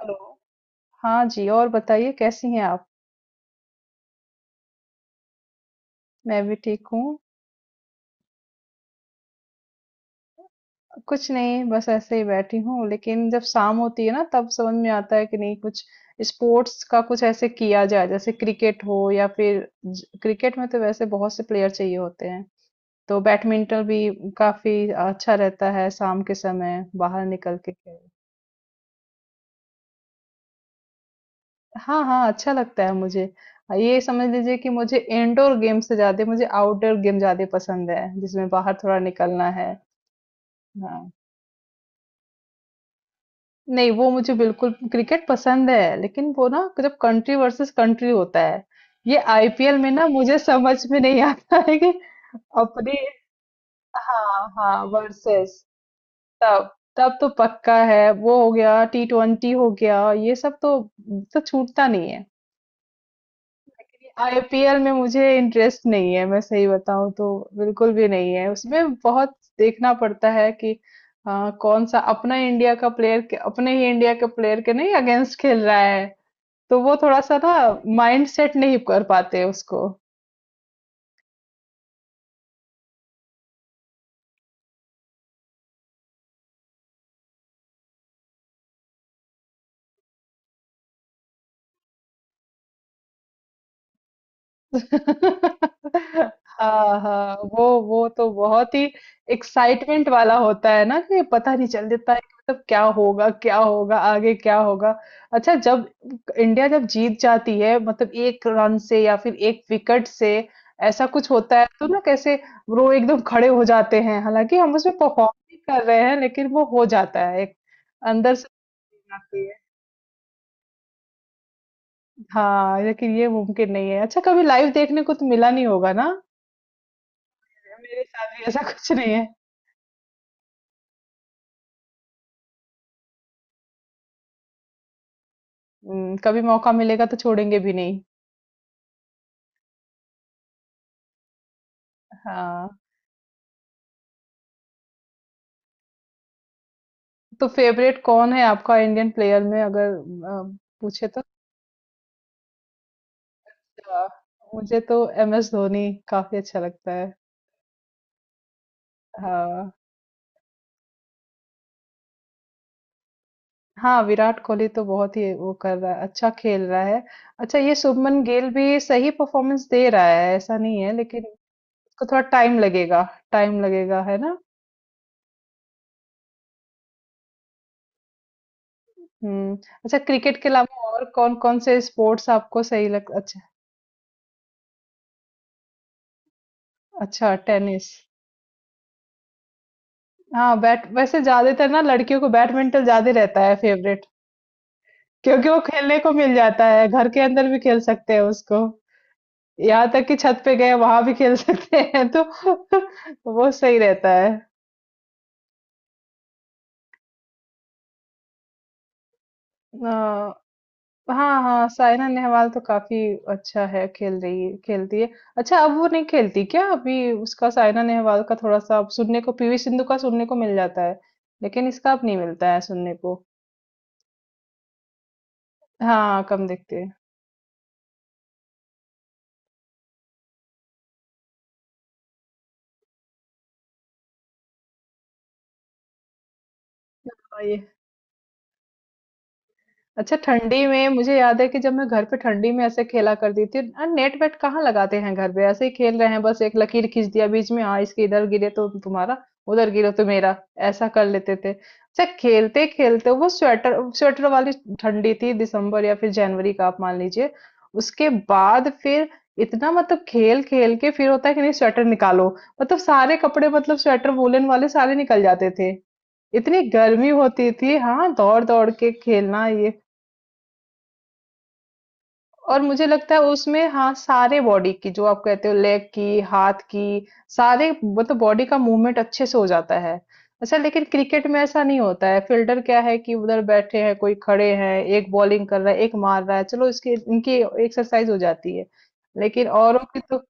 Hello. हाँ जी और बताइए कैसी हैं आप। मैं भी ठीक हूँ। कुछ नहीं बस ऐसे ही बैठी हूँ लेकिन जब शाम होती है ना तब समझ में आता है कि नहीं कुछ स्पोर्ट्स का कुछ ऐसे किया जाए जैसे क्रिकेट हो या फिर क्रिकेट में तो वैसे बहुत से प्लेयर चाहिए होते हैं तो बैडमिंटन भी काफी अच्छा रहता है शाम के समय बाहर निकल के खेल। हाँ हाँ अच्छा लगता है मुझे। ये समझ लीजिए कि मुझे इंडोर गेम से ज्यादा मुझे आउटडोर गेम ज्यादा पसंद है जिसमें बाहर थोड़ा निकलना है। हाँ, नहीं वो मुझे बिल्कुल क्रिकेट पसंद है लेकिन वो ना जब कंट्री वर्सेस कंट्री होता है। ये आईपीएल में ना मुझे समझ में नहीं आता है कि अपनी। हाँ हाँ वर्सेस। तब तब तो पक्का है वो हो गया टी ट्वेंटी हो गया ये सब तो छूटता नहीं है। आईपीएल में मुझे इंटरेस्ट नहीं है मैं सही बताऊं तो, बिल्कुल भी नहीं है। उसमें बहुत देखना पड़ता है कि हाँ, कौन सा अपना इंडिया का प्लेयर अपने ही इंडिया के प्लेयर के नहीं अगेंस्ट खेल रहा है तो वो थोड़ा सा ना माइंड सेट नहीं कर पाते उसको। हाँ हाँ वो तो बहुत ही एक्साइटमेंट वाला होता है ना कि पता नहीं चल देता है कि मतलब क्या होगा आगे क्या होगा। अच्छा जब इंडिया जब जीत जाती है मतलब एक रन से या फिर एक विकेट से ऐसा कुछ होता है तो ना कैसे वो एकदम खड़े हो जाते हैं हालांकि हम उसमें परफॉर्म नहीं कर रहे हैं लेकिन वो हो जाता है एक अंदर से। हाँ, लेकिन ये मुमकिन नहीं है। अच्छा कभी लाइव देखने को तो मिला नहीं होगा ना? मेरे साथ भी ऐसा कुछ नहीं है। हुँ, कभी मौका मिलेगा तो छोड़ेंगे भी नहीं। हाँ, तो फेवरेट कौन है आपका इंडियन प्लेयर में अगर अ, पूछे तो? अ, मुझे तो एमएस धोनी काफ़ी अच्छा लगता है। हाँ। हाँ, विराट कोहली तो बहुत ही वो कर रहा है, अच्छा खेल रहा है। अच्छा ये शुभमन गिल भी सही परफॉर्मेंस दे रहा है, ऐसा नहीं है लेकिन उसको थोड़ा टाइम लगेगा। टाइम लगेगा, है ना? हुँ। अच्छा क्रिकेट के अलावा और कौन-कौन से स्पोर्ट्स आपको सही लग अच्छा। अच्छा टेनिस। हाँ, बैट वैसे ज़्यादातर ना लड़कियों को बैडमिंटन ज़्यादा रहता है फ़ेवरेट, क्योंकि वो खेलने को मिल जाता है, घर के अंदर भी खेल सकते हैं उसको। यहाँ तक कि छत पे गए वहाँ भी खेल सकते हैं तो वो सही रहता है। अ, हाँ हाँ साइना नेहवाल तो काफी अच्छा है खेल रही है खेलती है। अच्छा अब वो नहीं खेलती क्या, अभी उसका साइना नेहवाल का थोड़ा सा अब सुनने को, पीवी सिंधु का सुनने को मिल जाता है लेकिन इसका अब नहीं मिलता है सुनने को। हाँ कम दिखते हैं। हाँ, ये अच्छा ठंडी में मुझे याद है कि जब मैं घर पे ठंडी में ऐसे खेला करती थी और नेट वेट कहाँ लगाते हैं घर पे, ऐसे ही खेल रहे हैं बस एक लकीर खींच दिया बीच में, हाँ इसके इधर गिरे तो तुम्हारा उधर गिरे तो मेरा, ऐसा कर लेते थे। अच्छा खेलते खेलते वो स्वेटर स्वेटर वाली ठंडी थी, दिसंबर या फिर जनवरी का आप मान लीजिए। उसके बाद फिर इतना मतलब खेल खेल के फिर होता है कि नहीं स्वेटर निकालो, मतलब सारे कपड़े मतलब स्वेटर वूलन वाले सारे निकल जाते थे। इतनी गर्मी होती थी हाँ, दौड़ दौड़ के खेलना ये, और मुझे लगता है उसमें हाँ सारे बॉडी की जो आप कहते हो लेग की हाथ की सारे मतलब बॉडी का मूवमेंट अच्छे से हो जाता है। अच्छा लेकिन क्रिकेट में ऐसा नहीं होता है, फील्डर क्या है कि उधर बैठे हैं कोई, खड़े हैं, एक बॉलिंग कर रहा है एक मार रहा है, चलो इसकी इनकी एक्सरसाइज हो जाती है लेकिन औरों की तो।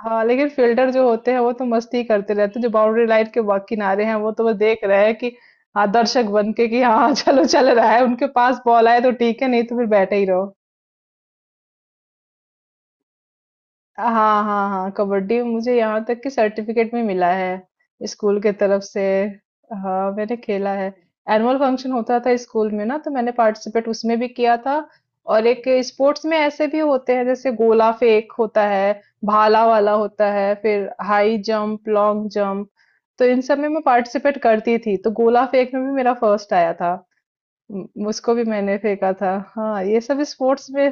हाँ लेकिन फील्डर जो होते हैं वो तो मस्ती करते रहते हैं, जो बाउंड्री लाइन के किनारे हैं वो तो वो देख रहे हैं कि हाँ दर्शक बन के कि हाँ चलो चल रहा है, उनके पास बॉल आए तो ठीक है नहीं तो फिर बैठे ही रहो। हाँ हाँ हाँ, कबड्डी मुझे यहाँ तक कि सर्टिफिकेट भी मिला है स्कूल के तरफ से। हाँ मैंने खेला है। एनुअल फंक्शन होता था स्कूल में ना, तो मैंने पार्टिसिपेट उसमें भी किया था, और एक स्पोर्ट्स में ऐसे भी होते हैं जैसे गोला फेंक होता है, भाला वाला होता है, फिर हाई जंप लॉन्ग जंप, तो इन सब में मैं पार्टिसिपेट करती थी, तो गोला फेंक में भी मेरा फर्स्ट आया था। उसको भी मैंने फेंका था। हाँ ये सब स्पोर्ट्स में।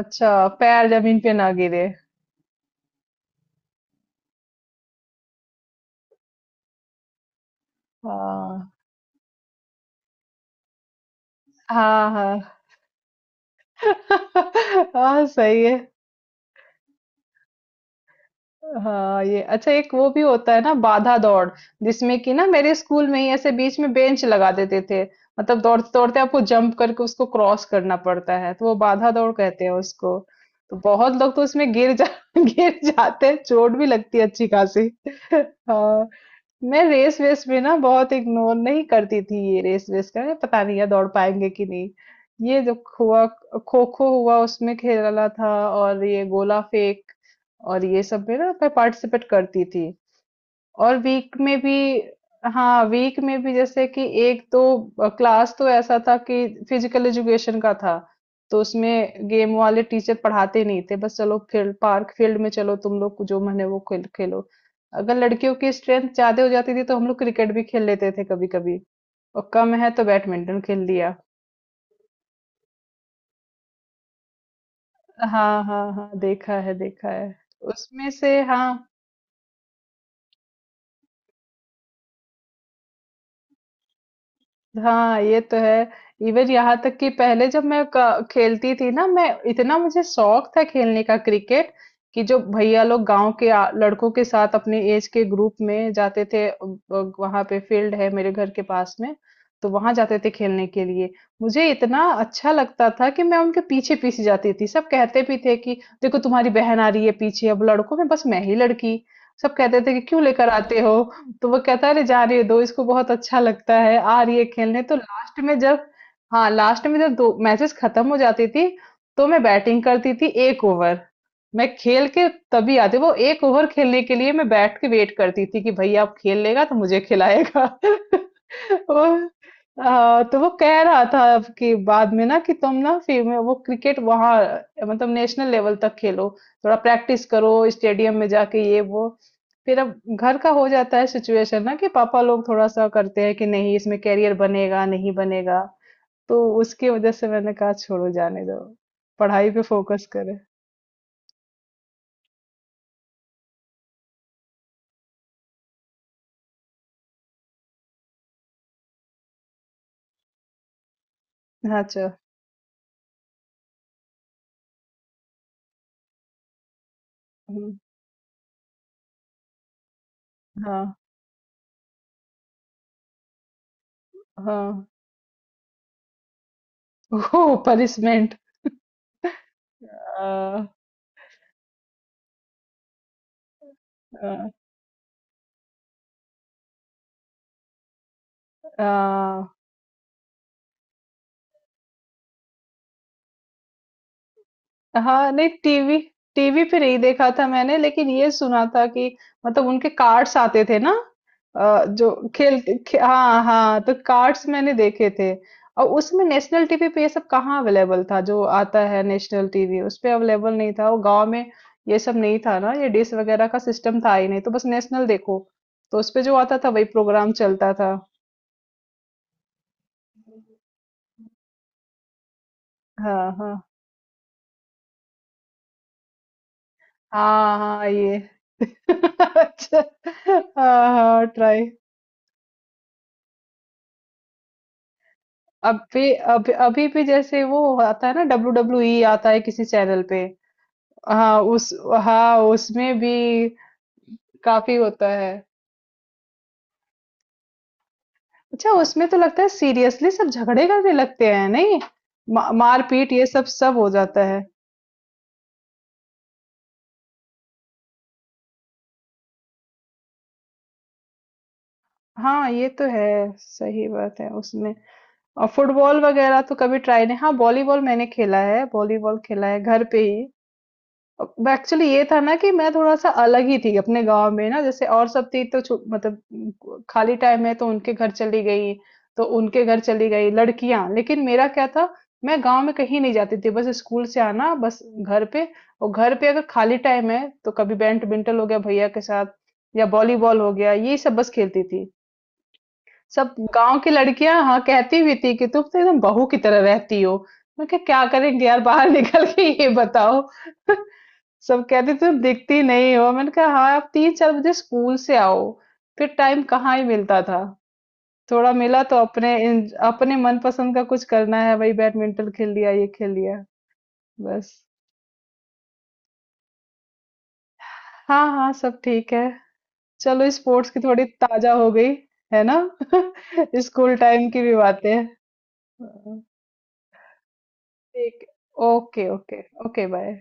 अच्छा पैर जमीन पे ना गिरे। हाँ हाँ हाँ। हाँ सही है। हाँ ये अच्छा एक वो भी होता है ना बाधा दौड़, जिसमें कि ना मेरे स्कूल में ही ऐसे बीच में बेंच लगा देते थे, मतलब दौड़ते दौड़ते आपको जंप करके उसको क्रॉस करना पड़ता है, तो वो बाधा दौड़ कहते हैं उसको। तो बहुत लोग तो उसमें गिर जा गिर जाते हैं, चोट भी लगती है अच्छी खासी। हाँ, मैं रेस वेस भी ना बहुत इग्नोर नहीं करती थी, ये रेस वेस का ना पता नहीं है दौड़ पाएंगे कि नहीं। ये जो हुआ, खो खो हुआ उसमें खेला था, और ये गोला फेंक, और ये सब में ना मैं पार्टिसिपेट करती थी। और वीक में भी, हाँ वीक में भी जैसे कि, एक तो क्लास तो ऐसा था कि फिजिकल एजुकेशन का था, तो उसमें गेम वाले टीचर पढ़ाते नहीं थे, बस चलो फील्ड, पार्क फील्ड में चलो, तुम लोग जो मन है वो खेल खेलो। अगर लड़कियों की स्ट्रेंथ ज्यादा हो जाती थी तो हम लोग क्रिकेट भी खेल लेते थे कभी कभी, और कम है तो बैडमिंटन खेल लिया। हाँ हाँ हाँ देखा है देखा है। उसमें से हाँ। हाँ, ये तो है। इवन यहाँ तक कि पहले जब मैं खेलती थी ना, मैं, इतना मुझे शौक था खेलने का क्रिकेट, कि जो भैया लोग गांव के लड़कों के साथ अपने एज के ग्रुप में जाते थे, वहां पे फील्ड है मेरे घर के पास में, तो वहां जाते थे खेलने के लिए। मुझे इतना अच्छा लगता था कि मैं उनके पीछे पीछे जाती थी, सब कहते भी थे कि देखो तुम्हारी बहन आ रही है पीछे, अब लड़कों में बस मैं ही लड़की। सब कहते थे कि क्यों लेकर आते हो? तो वो कहता है अरे जाने दो इसको बहुत अच्छा लगता है, आ रही है खेलने। तो लास्ट में जब, हाँ, लास्ट में जब दो मैचेस खत्म हो जाती थी, तो मैं बैटिंग करती थी 1 ओवर। मैं खेल के तभी आती, वो 1 ओवर खेलने के लिए मैं बैठ के वेट करती थी कि भैया अब खेल लेगा तो मुझे खिलाएगा। वो, हाँ, तो वो कह रहा था अब कि बाद में ना कि तुम ना फिर में वो क्रिकेट वहाँ मतलब नेशनल लेवल तक खेलो, थोड़ा प्रैक्टिस करो स्टेडियम में जाके ये वो। फिर अब घर का हो जाता है सिचुएशन ना कि पापा लोग थोड़ा सा करते हैं कि नहीं इसमें करियर बनेगा नहीं बनेगा, तो उसकी वजह से मैंने कहा छोड़ो जाने दो, पढ़ाई पे फोकस करे। अच्छा। हम्म, हाँ हाँ। हो, पनिशमेंट। आ, आ, आ, हाँ नहीं टीवी, टीवी पे नहीं देखा था मैंने, लेकिन ये सुना था कि मतलब उनके कार्ड्स आते थे ना, जो खेल, हाँ हाँ तो कार्ड्स मैंने देखे थे। और उसमें नेशनल टीवी पे ये सब कहाँ अवेलेबल था, जो आता है नेशनल टीवी उस पे अवेलेबल नहीं था वो गांव में। ये सब नहीं था ना, ये डिश वगैरह का सिस्टम था ही नहीं, तो बस नेशनल देखो, तो उस पे जो आता था वही प्रोग्राम चलता था। हाँ हाँ। हाँ हाँ ये। अच्छा। हाँ हाँ ट्राई। अब भी, अभी अभी भी जैसे वो आता है ना डब्ल्यू डब्ल्यू ई आता है किसी चैनल पे। हाँ उस, हाँ उसमें भी काफी होता है। अच्छा उसमें तो लगता है सीरियसली सब झगड़े करने लगते हैं नहीं, मारपीट ये सब सब हो जाता है। हाँ ये तो है, सही बात है उसमें। और फुटबॉल वगैरह तो कभी ट्राई नहीं, हाँ वॉलीबॉल मैंने खेला है, वॉलीबॉल खेला है घर पे ही। एक्चुअली ये था ना कि मैं थोड़ा सा अलग ही थी अपने गांव में ना, जैसे और सब थी तो मतलब खाली टाइम है तो उनके घर चली गई, तो उनके घर चली गई लड़कियां, लेकिन मेरा क्या था, मैं गांव में कहीं नहीं जाती थी, बस स्कूल से आना बस घर पे, और घर पे अगर खाली टाइम है तो कभी बैडमिंटन हो गया भैया के साथ, या वॉलीबॉल हो गया, ये सब बस खेलती थी। सब गाँव की लड़कियाँ हाँ, कहती भी थी कि तुम तो एकदम बहू की तरह रहती हो। मैं कहा क्या करेंगे यार बाहर निकल के ये बताओ। सब कहते तुम दिखती नहीं हो। मैंने कहा हाँ, आप 3-4 बजे स्कूल से आओ। फिर टाइम कहाँ ही मिलता था। थोड़ा मिला तो अपने इन, अपने मनपसंद का कुछ करना है वही बैडमिंटन खेल लिया, ये खेल लिया, बस। हाँ, हाँ, सब ठीक है। चलो स्पोर्ट्स की थोड़ी ताज़ा हो गई, है ना? स्कूल टाइम की भी बातें। ठीक। Okay okay. Okay bye.